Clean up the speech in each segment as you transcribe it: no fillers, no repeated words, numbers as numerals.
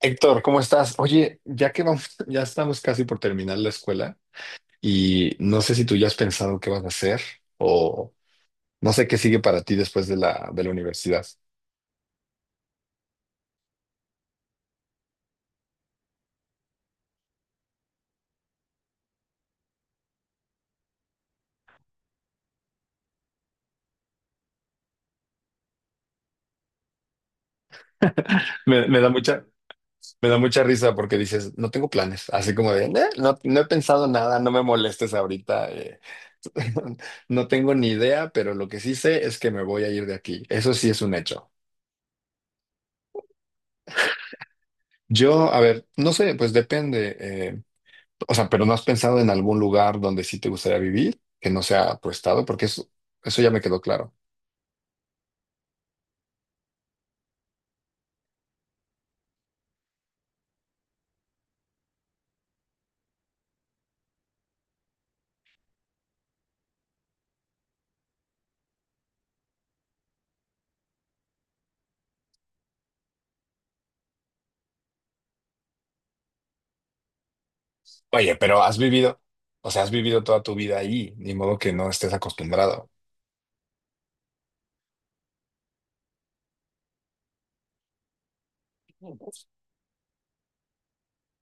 Héctor, ¿cómo estás? Oye, ya que vamos, ya estamos casi por terminar la escuela y no sé si tú ya has pensado qué vas a hacer o no sé qué sigue para ti después de la universidad. Me da mucha, me da mucha risa porque dices, no tengo planes, así como de, "No, no he pensado nada, no me molestes ahorita, no tengo ni idea, pero lo que sí sé es que me voy a ir de aquí. Eso sí es un hecho. Yo, a ver, no sé, pues depende. O sea, pero ¿no has pensado en algún lugar donde sí te gustaría vivir, que no sea tu estado? Porque eso ya me quedó claro. Oye, pero has vivido toda tu vida ahí, ni modo que no estés acostumbrado.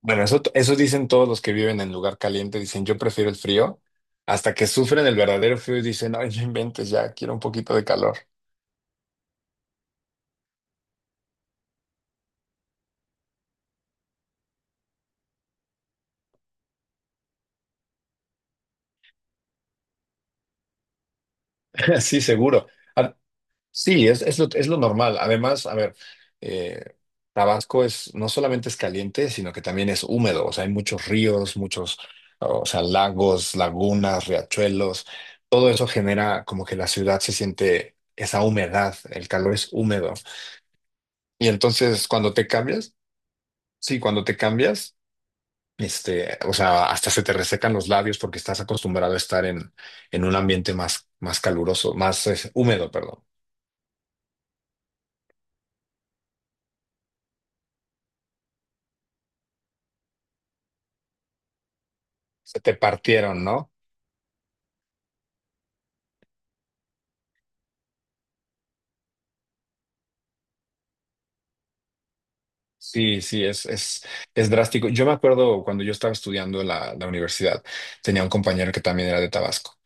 Bueno, eso dicen todos los que viven en lugar caliente, dicen yo prefiero el frío, hasta que sufren el verdadero frío y dicen, ay, no inventes, ya quiero un poquito de calor. Sí, seguro. Sí, es lo normal. Además, a ver, eh, Tabasco es, no solamente es caliente, sino que también es húmedo. O sea, hay muchos ríos, muchos, o sea, lagos, lagunas, riachuelos. Todo eso genera como que la ciudad se siente esa humedad, el calor es húmedo. Y entonces cuando te cambias, sí, cuando te cambias, este, o sea, hasta se te resecan los labios porque estás acostumbrado a estar en un ambiente más caluroso, más húmedo, perdón. Se te partieron, ¿no? Sí, sí, es drástico. Yo me acuerdo cuando yo estaba estudiando en la universidad, tenía un compañero que también era de Tabasco.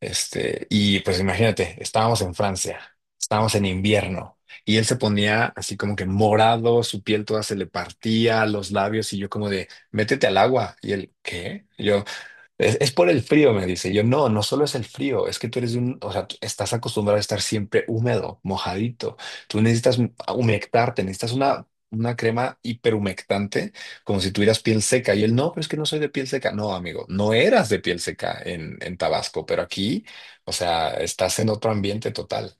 Este, y pues imagínate, estábamos en Francia, estábamos en invierno, y él se ponía así como que morado, su piel toda se le partía, los labios, y yo como de, métete al agua. Y él, ¿qué? Yo, es por el frío, me dice. Yo, no solo es el frío, es que tú eres de un, o sea, tú estás acostumbrado a estar siempre húmedo, mojadito. Tú necesitas humectarte, necesitas una crema hiperhumectante, como si tuvieras piel seca. Y él, no, pero es que no soy de piel seca. No, amigo, no eras de piel seca en Tabasco, pero aquí, o sea, estás en otro ambiente total.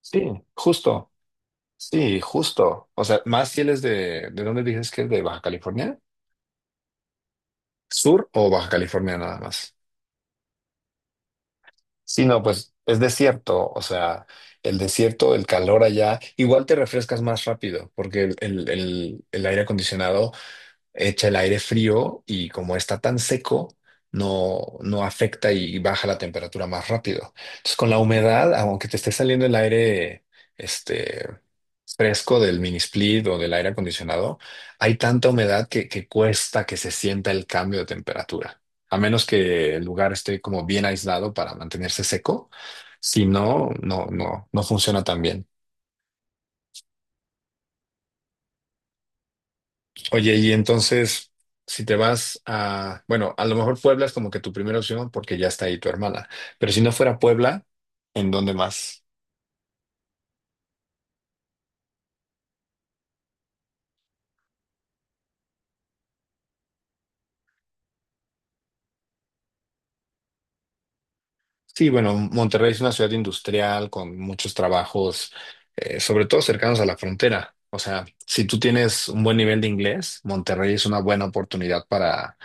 Sí, justo, sí, justo. O sea, más si él es ¿de dónde dices que es? ¿De Baja California? ¿Sur o Baja California nada más? Sí, no, pues es desierto, o sea, el desierto, el calor allá, igual te refrescas más rápido, porque el aire acondicionado echa el aire frío y como está tan seco, no afecta y baja la temperatura más rápido. Entonces, con la humedad, aunque te esté saliendo el aire este, fresco del mini split o del aire acondicionado, hay tanta humedad que cuesta que se sienta el cambio de temperatura. A menos que el lugar esté como bien aislado para mantenerse seco. Si no, no funciona tan bien. Oye, y entonces, si te vas a, bueno, a lo mejor Puebla es como que tu primera opción porque ya está ahí tu hermana, pero si no fuera Puebla, ¿en dónde más? Sí, bueno, Monterrey es una ciudad industrial con muchos trabajos, sobre todo cercanos a la frontera. O sea, si tú tienes un buen nivel de inglés, Monterrey es una buena oportunidad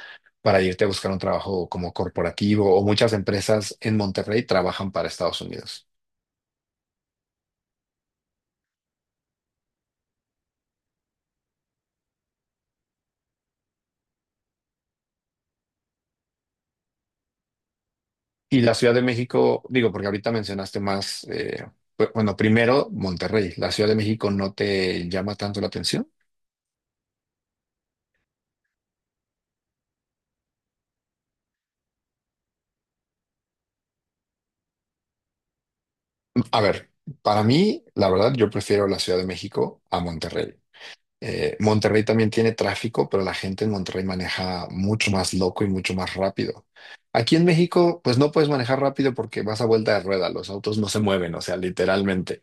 para irte a buscar un trabajo como corporativo o muchas empresas en Monterrey trabajan para Estados Unidos. Y la Ciudad de México, digo, porque ahorita mencionaste más, bueno, primero Monterrey, ¿la Ciudad de México no te llama tanto la atención? A ver, para mí, la verdad, yo prefiero la Ciudad de México a Monterrey. Monterrey también tiene tráfico, pero la gente en Monterrey maneja mucho más loco y mucho más rápido. Aquí en México, pues no puedes manejar rápido porque vas a vuelta de rueda, los autos no se mueven, o sea, literalmente.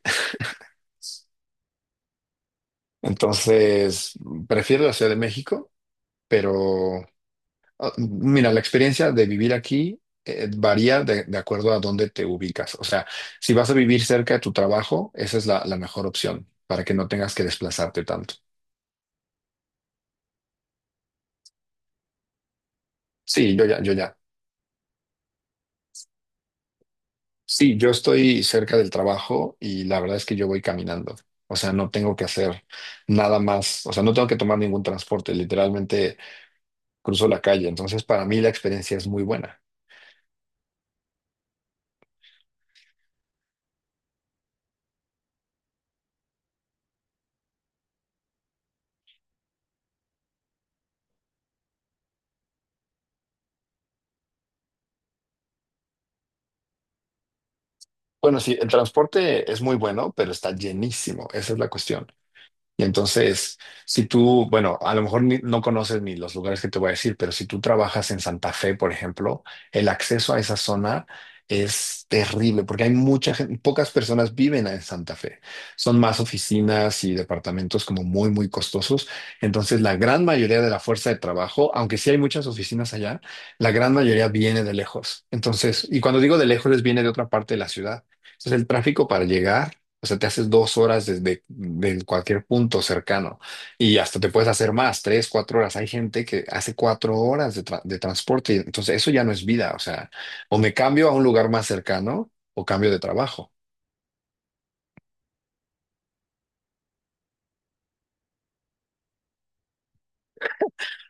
Entonces, prefiero la Ciudad de México, pero mira, la experiencia de vivir aquí varía de acuerdo a dónde te ubicas. O sea, si vas a vivir cerca de tu trabajo, esa es la mejor opción para que no tengas que desplazarte tanto. Sí, yo ya. Sí, yo estoy cerca del trabajo y la verdad es que yo voy caminando. O sea, no tengo que hacer nada más. O sea, no tengo que tomar ningún transporte. Literalmente cruzo la calle. Entonces, para mí la experiencia es muy buena. Bueno, sí, el transporte es muy bueno, pero está llenísimo. Esa es la cuestión. Y entonces, si tú, bueno, a lo mejor no conoces ni los lugares que te voy a decir, pero si tú trabajas en Santa Fe, por ejemplo, el acceso a esa zona es terrible porque hay mucha gente, pocas personas viven en Santa Fe. Son más oficinas y departamentos como muy costosos. Entonces, la gran mayoría de la fuerza de trabajo, aunque sí hay muchas oficinas allá, la gran mayoría viene de lejos. Entonces, y cuando digo de lejos, es viene de otra parte de la ciudad. Entonces, el tráfico para llegar o sea, te haces dos horas desde cualquier punto cercano y hasta te puedes hacer más, tres, cuatro horas. Hay gente que hace cuatro horas de, de transporte y entonces eso ya no es vida. O sea, o me cambio a un lugar más cercano o cambio de trabajo.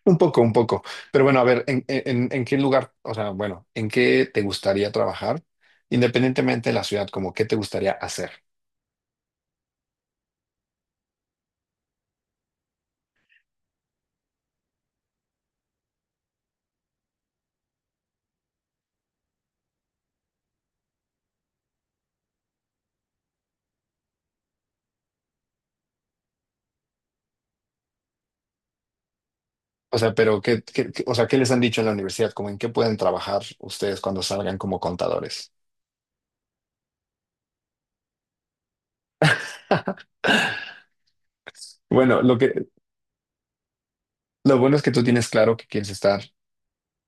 Un poco, un poco. Pero bueno, a ver, en qué lugar, o sea, bueno, ¿en qué te gustaría trabajar? Independientemente de la ciudad, como qué te gustaría hacer. O sea, pero o sea, ¿qué les han dicho en la universidad? Como en qué pueden trabajar ustedes cuando salgan como contadores. Bueno, lo que, lo bueno es que tú tienes claro que quieres estar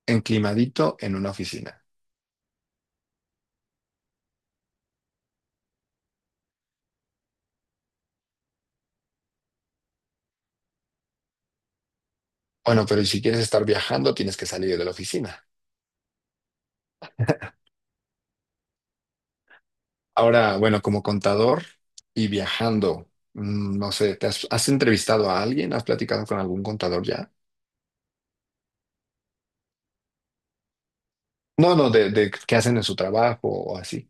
enclimadito en una oficina. Bueno, pero si quieres estar viajando, tienes que salir de la oficina. Ahora, bueno, como contador y viajando, mm, no sé, ¿te has entrevistado a alguien? ¿Has platicado con algún contador ya? No, no, de qué hacen en su trabajo o así.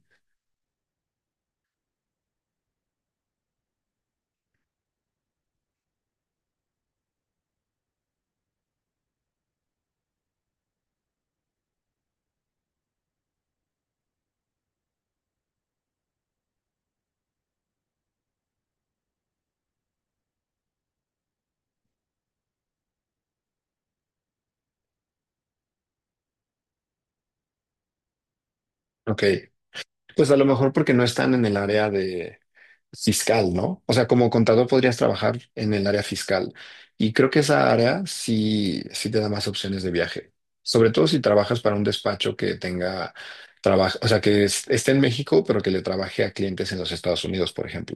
Ok, pues a lo mejor porque no están en el área de, fiscal, ¿no? O sea, como contador podrías trabajar en el área fiscal. Y creo que esa área sí, sí te da más opciones de viaje. Sobre todo si trabajas para un despacho que tenga trabajo, o sea, que esté en México, pero que le trabaje a clientes en los Estados Unidos, por ejemplo.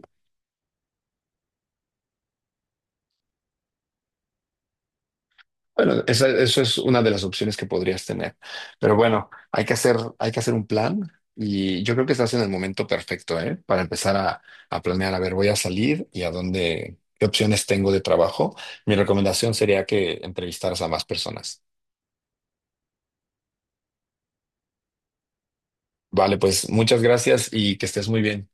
Bueno, esa, eso es una de las opciones que podrías tener. Pero bueno, hay que hacer un plan y yo creo que estás en el momento perfecto, ¿eh? Para empezar a planear, a ver, voy a salir y a dónde, qué opciones tengo de trabajo. Mi recomendación sería que entrevistaras a más personas. Vale, pues muchas gracias y que estés muy bien.